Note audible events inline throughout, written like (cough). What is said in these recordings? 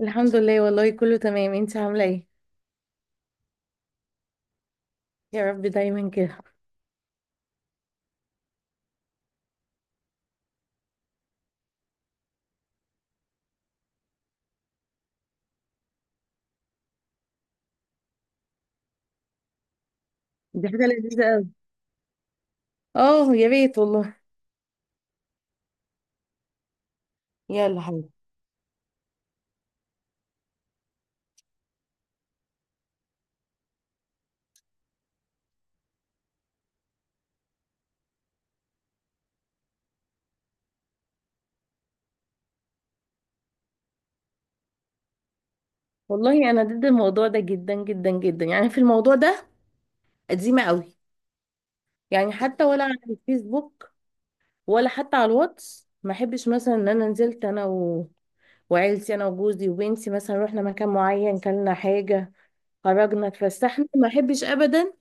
الحمد لله، والله كله تمام. انت عامله ايه؟ يا رب دايما كده. دي حاجه لذيذه قوي. اه، يا ريت والله. يلا حبيبي. والله انا ضد الموضوع ده جدا جدا جدا. يعني في الموضوع ده قديمه قوي. يعني حتى ولا على الفيسبوك، ولا حتى على الواتس. ما احبش مثلا ان انا نزلت انا وعيلتي، انا وجوزي وبنتي مثلا رحنا مكان معين كلنا، حاجه خرجنا اتفسحنا، ما احبش ابدا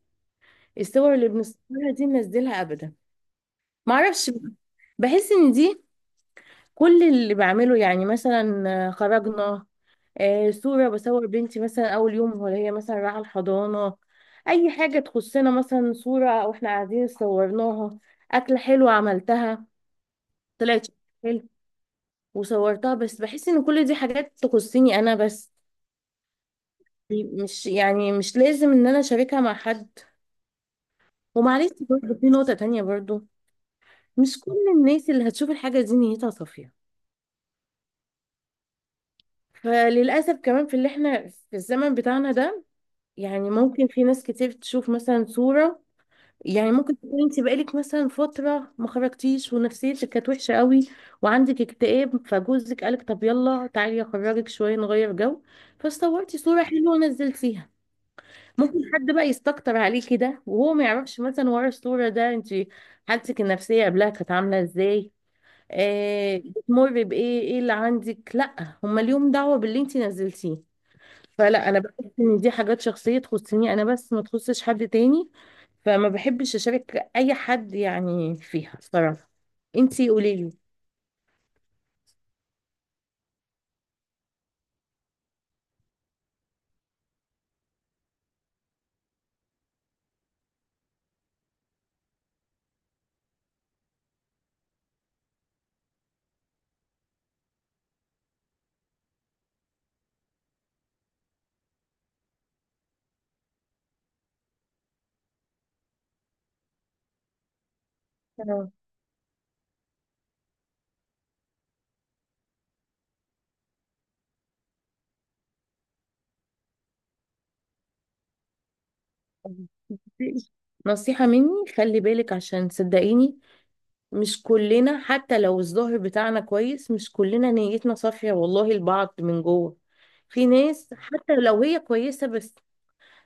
الصور اللي بنصورها دي ننزلها ابدا. ما اعرفش، بحس ان دي كل اللي بعمله. يعني مثلا خرجنا، صورة بصور بنتي مثلا أول يوم وهي مثلا رايحة الحضانة، أي حاجة تخصنا مثلا صورة وإحنا قاعدين صورناها، أكلة حلوة عملتها طلعت حلو وصورتها. بس بحس إن كل دي حاجات تخصني أنا بس، مش يعني مش لازم إن أنا أشاركها مع حد. ومعلش برضه في نقطة تانية برضه، مش كل الناس اللي هتشوف الحاجة دي نيتها صافية. فللأسف كمان في اللي إحنا في الزمن بتاعنا ده، يعني ممكن في ناس كتير تشوف مثلا صورة. يعني ممكن تكون انت بقالك مثلا فترة ما خرجتيش ونفسيتك كانت وحشة قوي وعندك اكتئاب، فجوزك قالك طب يلا تعالي اخرجك شوية نغير جو، فصورتي صورة حلوة ونزلتيها. ممكن حد بقى يستكتر عليكي ده وهو ما يعرفش مثلا ورا الصورة ده انت حالتك النفسية قبلها كانت عاملة ازاي، بتمر بايه، ايه اللي عندك، لا هما ليهم دعوة باللي انت نزلتيه. فلا، انا بحس ان دي حاجات شخصيه تخصني انا بس، ما تخصش حد تاني. فما بحبش اشارك اي حد يعني فيها الصراحه. انتي قولي لي. تمام. نصيحه مني، خلي بالك، عشان صدقيني مش كلنا حتى لو الظاهر بتاعنا كويس مش كلنا نيتنا صافيه والله، البعض من جوه، في ناس حتى لو هي كويسه بس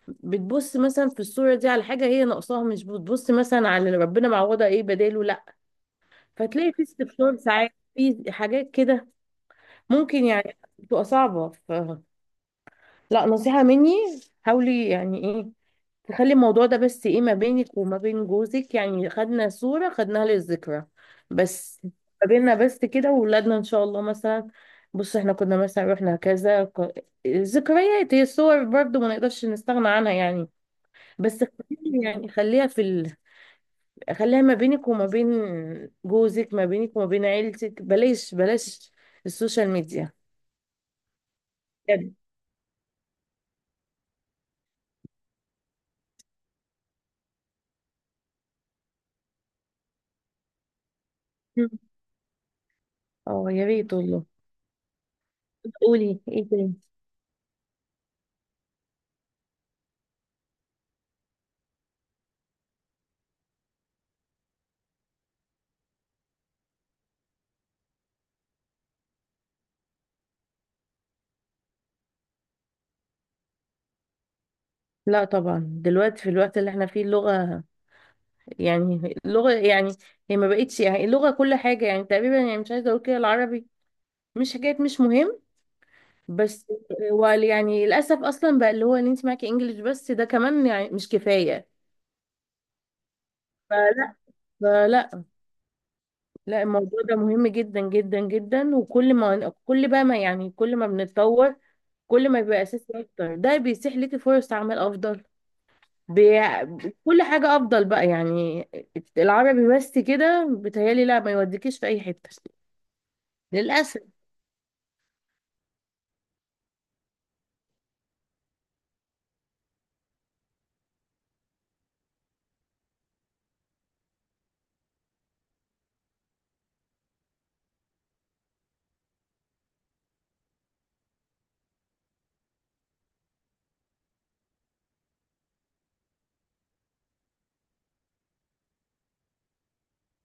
بتبص مثلا في الصوره دي على حاجه هي ناقصاها، مش بتبص مثلا على اللي ربنا معوضها ايه بداله، لا. فتلاقي في استفسار ساعات في حاجات كده ممكن، يعني بتبقى صعبة لا، نصيحة مني، حاولي يعني ايه، تخلي الموضوع ده بس ايه ما بينك وما بين جوزك. يعني خدنا صورة خدناها للذكرى بس، ما بيننا بس كده، وولادنا ان شاء الله مثلا. بص احنا كنا مثلا رحنا كذا، الذكريات هي الصور برضو ما نقدرش نستغنى عنها يعني. بس يعني خليها ما بينك وما بين جوزك، ما بينك وما بين عيلتك، بلاش بلاش السوشيال ميديا. بجد. مم. اه، يا ريت والله. قولي ايه تاني. لا طبعا دلوقتي في الوقت اللي احنا فيه اللغة، يعني اللغة يعني هي ما بقتش، يعني اللغة كل حاجة يعني تقريبا. يعني مش عايزة اقول كده العربي مش حكاية مش مهم، بس هو يعني للأسف أصلا بقى اللي هو اللي انت معاكي انجليش بس ده كمان يعني مش كفاية. فلا فلا لا، الموضوع ده مهم جدا جدا جدا. وكل ما كل بقى ما يعني كل ما بنتطور، كل ما بيبقى اساسي اكتر، ده بيسيح ليكي فرص عمل افضل بي... كل حاجة افضل بقى يعني. العربي بس كده بيتهيألي لا، ما يوديكيش في اي حتة للأسف.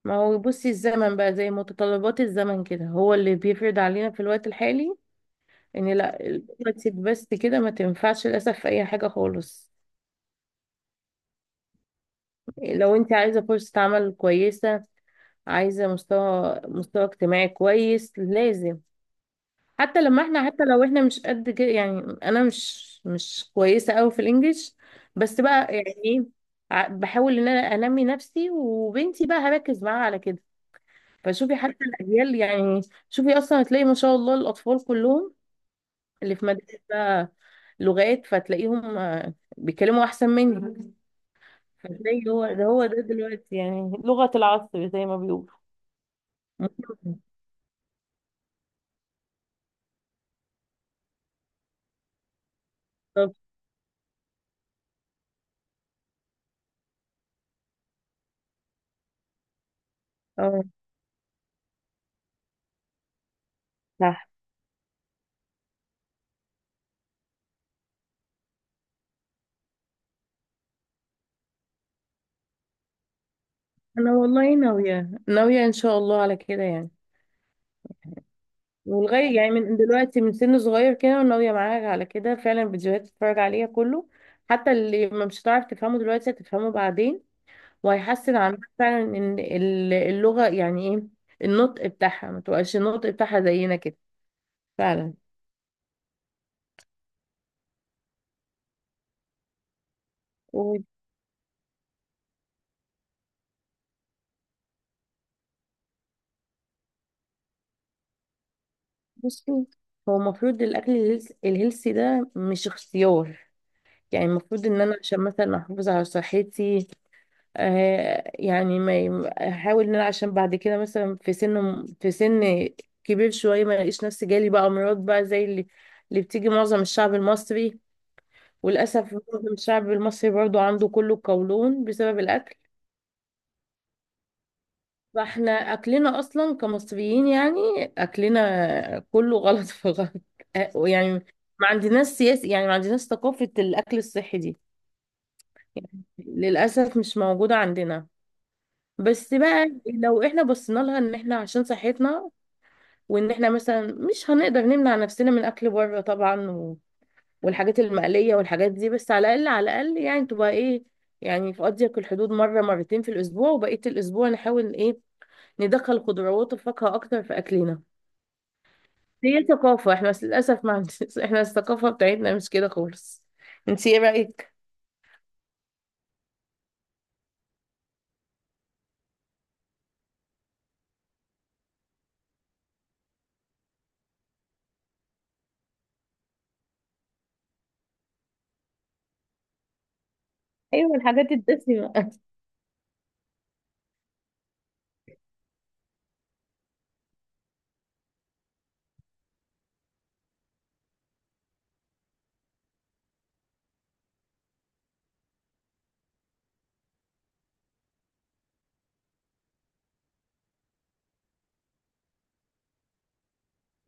ما هو بصي، الزمن بقى زي متطلبات الزمن كده هو اللي بيفرض علينا في الوقت الحالي ان لا، دلوقتي بس كده ما تنفعش للأسف في اي حاجة خالص. لو انت عايزة فرصة عمل كويسة، عايزة مستوى اجتماعي كويس، لازم. حتى لو احنا مش قد كده. يعني انا مش كويسة قوي في الانجليش، بس بقى يعني ايه، بحاول ان انا انمي نفسي، وبنتي بقى هركز معاها على كده. فشوفي حتى الاجيال يعني، شوفي اصلا هتلاقي ما شاء الله الاطفال كلهم اللي في مدرسة لغات، فتلاقيهم بيتكلموا احسن مني. فتلاقي هو ده هو ده دلوقتي يعني لغة العصر زي ما بيقولوا. (laughs) بالظبط. اه، صح. انا والله ناويه ناويه ان شاء الله على كده يعني، ولغايه يعني من دلوقتي من سن صغير كده، وناويه معاك على كده فعلا، فيديوهات تتفرج عليها كله، حتى اللي ما مش هتعرف تفهمه دلوقتي هتفهمه بعدين، وهيحسن عندك فعلا ان اللغه يعني ايه، النطق بتاعها، ما تبقاش النطق بتاعها زينا كده. فعلا. وبصي، هو المفروض الاكل الهيلثي ده مش اختيار. يعني المفروض ان انا عشان مثلا احافظ على صحتي، يعني ما احاول ان انا عشان بعد كده مثلا في سن كبير شويه، ما الاقيش نفسي جالي بقى امراض بقى زي اللي بتيجي معظم الشعب المصري. وللاسف معظم الشعب المصري برضو عنده كله القولون بسبب الاكل. فاحنا اكلنا اصلا كمصريين يعني اكلنا كله غلط في غلط. يعني ما عندناش سياسة، يعني ما عندناش ثقافه الاكل الصحي دي، للاسف مش موجوده عندنا. بس بقى لو احنا بصينا لها ان احنا عشان صحتنا، وان احنا مثلا مش هنقدر نمنع نفسنا من اكل بره طبعا والحاجات المقليه والحاجات دي، بس على الاقل، على الاقل يعني تبقى ايه، يعني في اضيق الحدود مره مرتين في الاسبوع، وبقيه الاسبوع نحاول ايه، ندخل خضروات وفاكهه اكتر في اكلنا. هي ثقافه احنا بس للاسف ما عندناش. (laughs) احنا الثقافه بتاعتنا مش كده خالص. انت ايه رايك؟ ايوه، الحاجات الدسمه.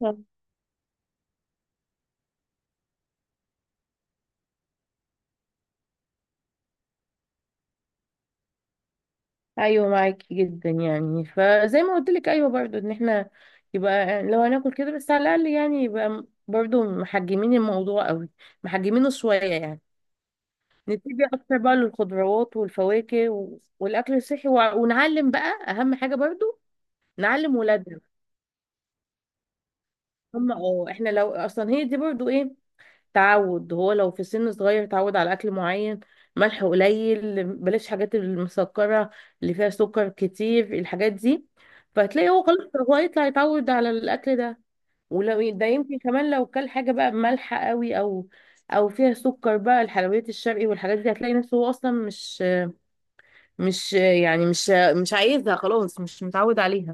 (laughs) ايوه معاكي جدا يعني، فزي ما قلت لك، ايوه برضو ان احنا يبقى لو هناكل كده بس على الاقل، يعني يبقى برضو محجمين الموضوع قوي، محجمينه شويه يعني. نتجه اكتر بقى للخضروات والفواكه والاكل الصحي، ونعلم بقى اهم حاجه برضو، نعلم ولادنا. هم، اه احنا لو اصلا هي دي برضو ايه، تعود، هو لو في سن صغير تعود على اكل معين، ملح قليل، بلاش حاجات المسكره اللي فيها سكر كتير الحاجات دي، فهتلاقي هو خلاص هو يطلع يتعود على الاكل ده. ولو ده يمكن كمان لو كل حاجه بقى مالحه قوي، او فيها سكر بقى، الحلويات الشرقي والحاجات دي، هتلاقي نفسه هو اصلا مش يعني مش مش عايزها خلاص، مش متعود عليها.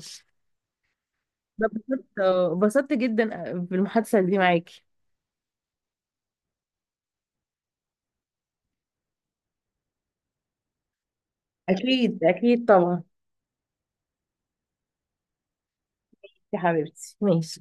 اتبسطت جدا بالمحادثه دي معاكي. أكيد اكيد طبعا. يا حبيبتي ماشي.